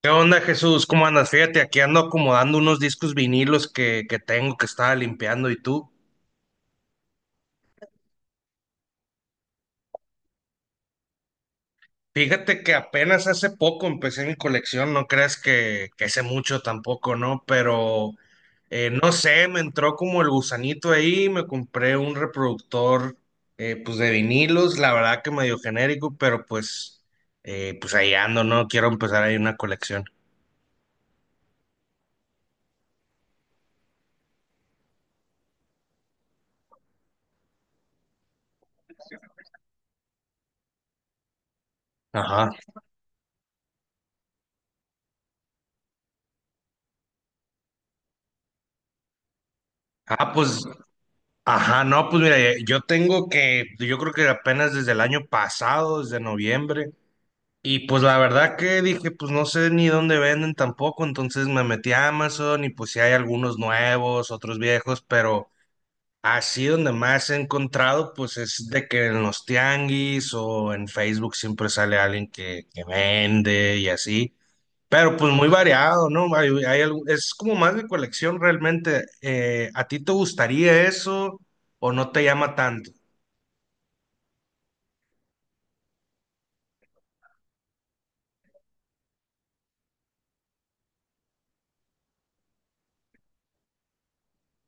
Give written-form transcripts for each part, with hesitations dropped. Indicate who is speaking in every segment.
Speaker 1: ¿Qué onda, Jesús? ¿Cómo andas? Fíjate, aquí ando acomodando unos discos vinilos que tengo que estaba limpiando. ¿Y tú? Fíjate que apenas hace poco empecé mi colección, no creas que sé mucho tampoco, ¿no? Pero no sé, me entró como el gusanito ahí, me compré un reproductor pues de vinilos, la verdad que medio genérico, pero pues, pues ahí ando, ¿no? Quiero empezar ahí una colección. Ajá. Ah, pues. Ajá, no, pues mira, yo tengo que, yo creo que apenas desde el año pasado, desde noviembre, y pues la verdad que dije, pues no sé ni dónde venden tampoco, entonces me metí a Amazon y pues sí hay algunos nuevos, otros viejos, pero así donde más he encontrado, pues es de que en los tianguis o en Facebook siempre sale alguien que vende y así. Pero pues muy variado, ¿no? Hay es como más de colección realmente. ¿A ti te gustaría eso o no te llama tanto?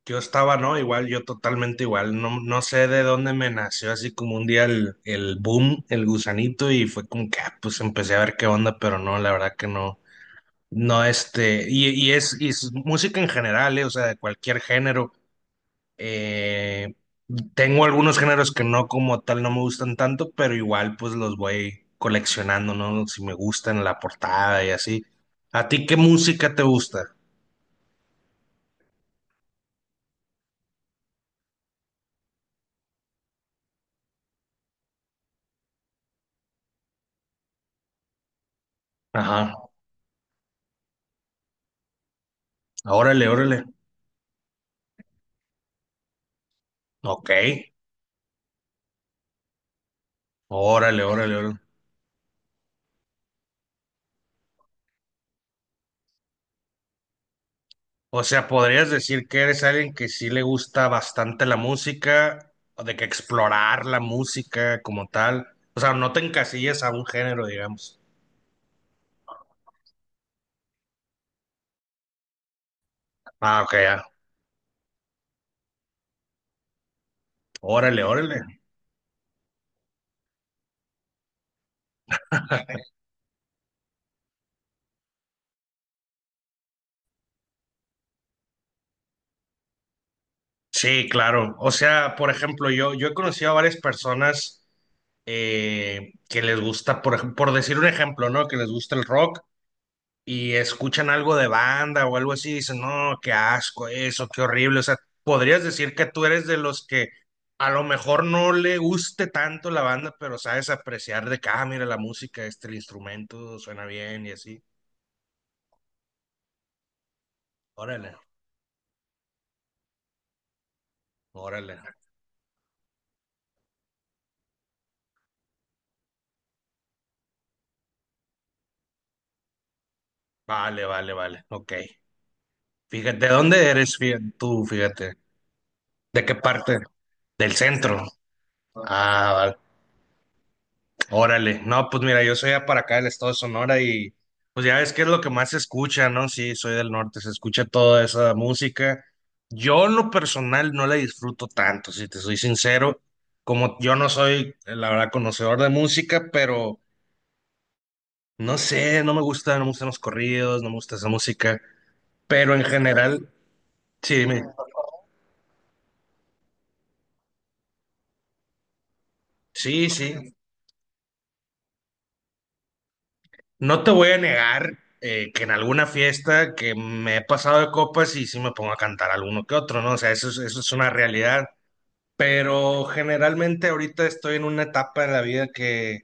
Speaker 1: Yo estaba, ¿no? Igual, yo totalmente igual. No, no sé de dónde me nació así como un día el boom, el gusanito y fue como que, ah, pues empecé a ver qué onda, pero no, la verdad que no. No, este, y es música en general, ¿eh? O sea, de cualquier género. Eh, tengo algunos géneros que no como tal no me gustan tanto, pero igual pues los voy coleccionando, ¿no? Si me gustan la portada y así. ¿A ti qué música te gusta? Ajá. Órale, órale. Ok. Órale, órale, órale. O sea, podrías decir que eres alguien que sí le gusta bastante la música, o de que explorar la música como tal. O sea, no te encasillas a un género, digamos. Ah, ok, ya. Órale, órale. Sí, claro. O sea, por ejemplo, yo he conocido a varias personas que les gusta, por, por decir un ejemplo, ¿no? Que les gusta el rock y escuchan algo de banda o algo así y dicen, no, qué asco eso, qué horrible. O sea, podrías decir que tú eres de los que a lo mejor no le guste tanto la banda, pero sabes apreciar de que, ah, mira la música, este, el instrumento suena bien y así. Órale, órale. Vale, vale, vale. Ok. Fíjate, ¿de dónde eres tú? Fíjate. ¿De qué parte? Del centro. Ah, vale. Órale. No, pues mira, yo soy ya para acá del estado de Sonora y pues ya ves que es lo que más se escucha, ¿no? Sí, soy del norte, se escucha toda esa música. Yo en lo personal no la disfruto tanto, si te soy sincero, como yo no soy, la verdad, conocedor de música, pero no sé, no me gusta, no me gustan los corridos, no me gusta esa música, pero en general, sí, dime. Sí, sí. No te voy a negar que en alguna fiesta que me he pasado de copas y sí me pongo a cantar alguno que otro, ¿no? O sea, eso es una realidad. Pero generalmente ahorita estoy en una etapa de la vida que,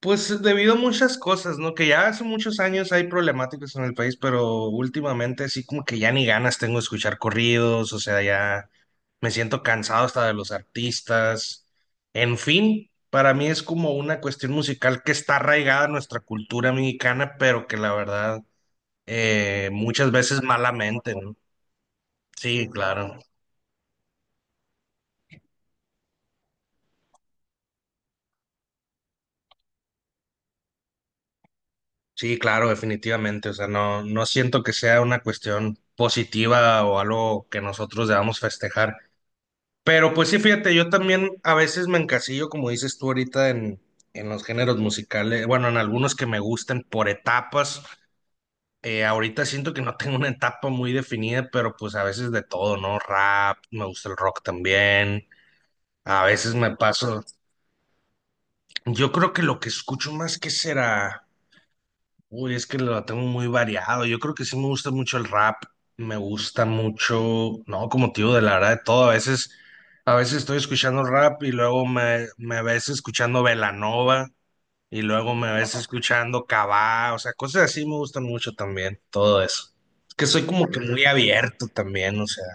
Speaker 1: pues debido a muchas cosas, ¿no? Que ya hace muchos años hay problemáticas en el país, pero últimamente sí como que ya ni ganas tengo de escuchar corridos, o sea, ya me siento cansado hasta de los artistas. En fin, para mí es como una cuestión musical que está arraigada en nuestra cultura mexicana, pero que la verdad muchas veces malamente, ¿no? Sí, claro. Sí, claro, definitivamente. O sea, no, no siento que sea una cuestión positiva o algo que nosotros debamos festejar. Pero pues sí, fíjate, yo también a veces me encasillo, como dices tú ahorita, en los géneros musicales, bueno, en algunos que me gustan por etapas. Ahorita siento que no tengo una etapa muy definida, pero pues a veces de todo, ¿no? Rap, me gusta el rock también, a veces me paso. Yo creo que lo que escucho más que será, uy, es que lo tengo muy variado. Yo creo que sí me gusta mucho el rap, me gusta mucho, no, como tío, de la verdad, de todo. A veces estoy escuchando rap y luego me ves escuchando Belanova. Y luego me ves escuchando Cabá, o sea, cosas así me gustan mucho también, todo eso. Es que soy como que muy abierto también, o sea.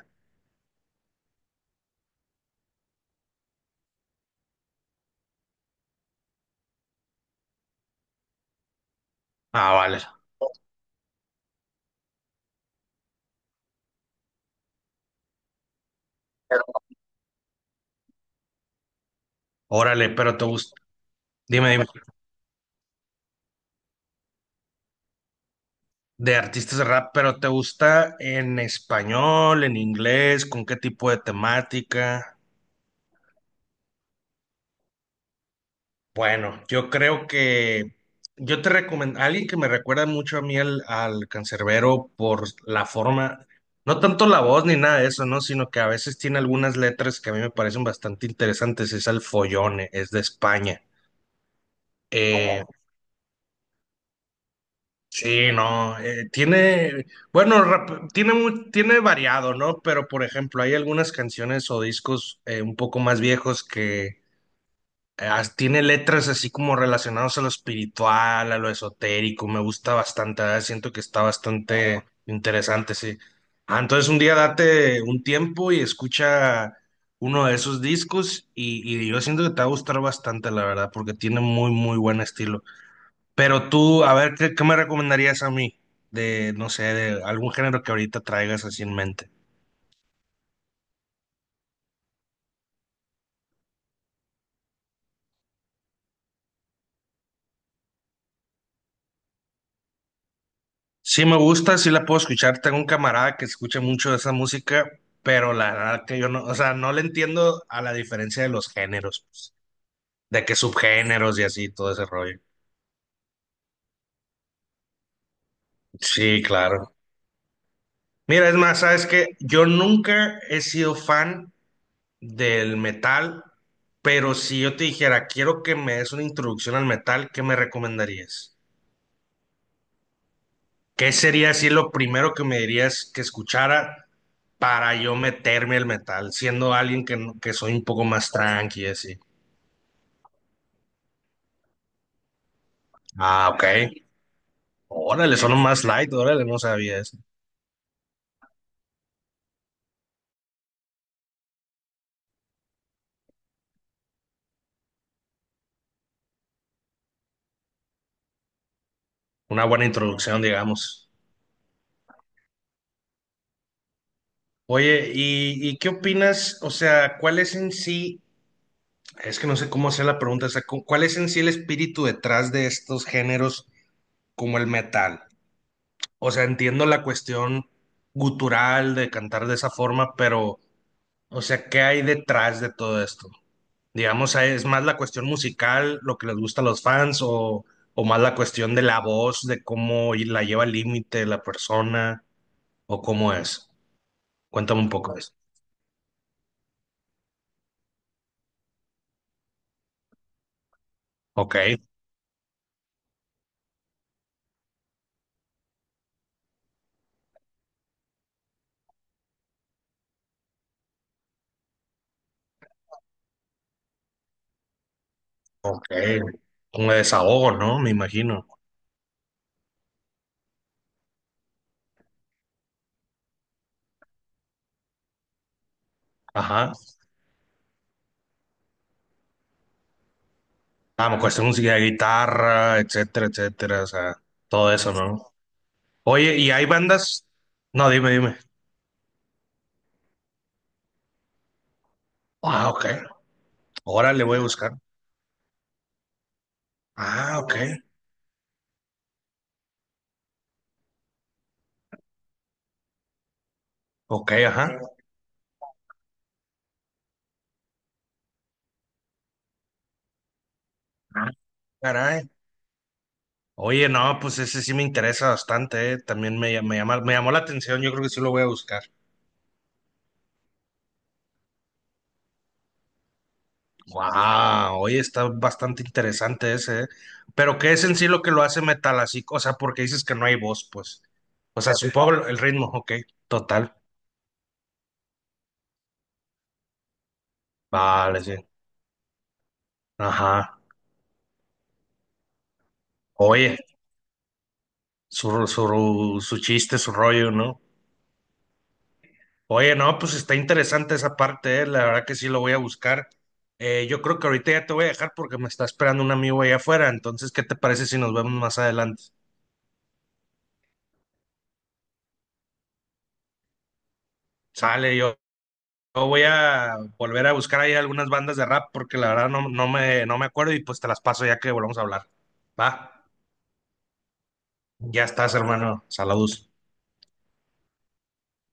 Speaker 1: Ah, vale. Órale, pero te gusta. Dime, dime. De artistas de rap, pero ¿te gusta en español, en inglés? ¿Con qué tipo de temática? Bueno, yo creo que yo te recomiendo, alguien que me recuerda mucho a mí al cancerbero por la forma, no tanto la voz ni nada de eso, ¿no? Sino que a veces tiene algunas letras que a mí me parecen bastante interesantes, es al Follone, es de España. Oh, sí, no, tiene, bueno, tiene, tiene variado, ¿no? Pero, por ejemplo, hay algunas canciones o discos un poco más viejos que tiene letras así como relacionadas a lo espiritual, a lo esotérico, me gusta bastante, ¿verdad? Siento que está bastante interesante, sí. Ah, entonces un día date un tiempo y escucha uno de esos discos y yo siento que te va a gustar bastante, la verdad, porque tiene muy buen estilo. Pero tú, a ver, ¿qué me recomendarías a mí de, no sé, de algún género que ahorita traigas así en mente? Sí me gusta, sí la puedo escuchar. Tengo un camarada que escucha mucho de esa música, pero la verdad que yo no, o sea, no le entiendo a la diferencia de los géneros, pues, de qué subgéneros y así, todo ese rollo. Sí, claro. Mira, es más, sabes que yo nunca he sido fan del metal, pero si yo te dijera, quiero que me des una introducción al metal, ¿qué me recomendarías? ¿Qué sería así lo primero que me dirías que escuchara para yo meterme al metal, siendo alguien que, que soy un poco más tranqui, así? Ah, ok. Órale, son más light, órale, no sabía eso. Una buena introducción, digamos. Oye, y qué opinas? O sea, ¿cuál es en sí, es que no sé cómo hacer la pregunta, o sea, ¿cuál es en sí el espíritu detrás de estos géneros como el metal? O sea, entiendo la cuestión gutural de cantar de esa forma, pero... O sea, ¿qué hay detrás de todo esto? Digamos, ¿es más la cuestión musical, lo que les gusta a los fans, o más la cuestión de la voz, de cómo la lleva al límite la persona, o cómo es? Cuéntame un poco de eso. Ok, ok. Un desahogo, ¿no? Me imagino. Ajá. Ah, cuestión música de guitarra, etcétera, etcétera. O sea, todo eso, ¿no? Oye, ¿y hay bandas? No, dime, dime. Ah, ok. Ahora le voy a buscar. Ah, ok. Ok, ajá. Ah, caray. Oye, no, pues ese sí me interesa bastante, eh. También me llamó la atención, yo creo que sí lo voy a buscar. Wow, oye, está bastante interesante ese, eh. Pero ¿qué es en sí lo que lo hace metal así? O sea, porque dices que no hay voz, pues. O sea, supongo el ritmo, ok, total. Vale, sí. Ajá. Oye, su chiste, su rollo, ¿no? Oye, no, pues está interesante esa parte, eh. La verdad que sí lo voy a buscar. Yo creo que ahorita ya te voy a dejar porque me está esperando un amigo allá afuera. Entonces, ¿qué te parece si nos vemos más adelante? Sale, yo voy a volver a buscar ahí algunas bandas de rap porque la verdad no, no me acuerdo y pues te las paso ya que volvamos a hablar. Va, ya estás, hermano. Saludos.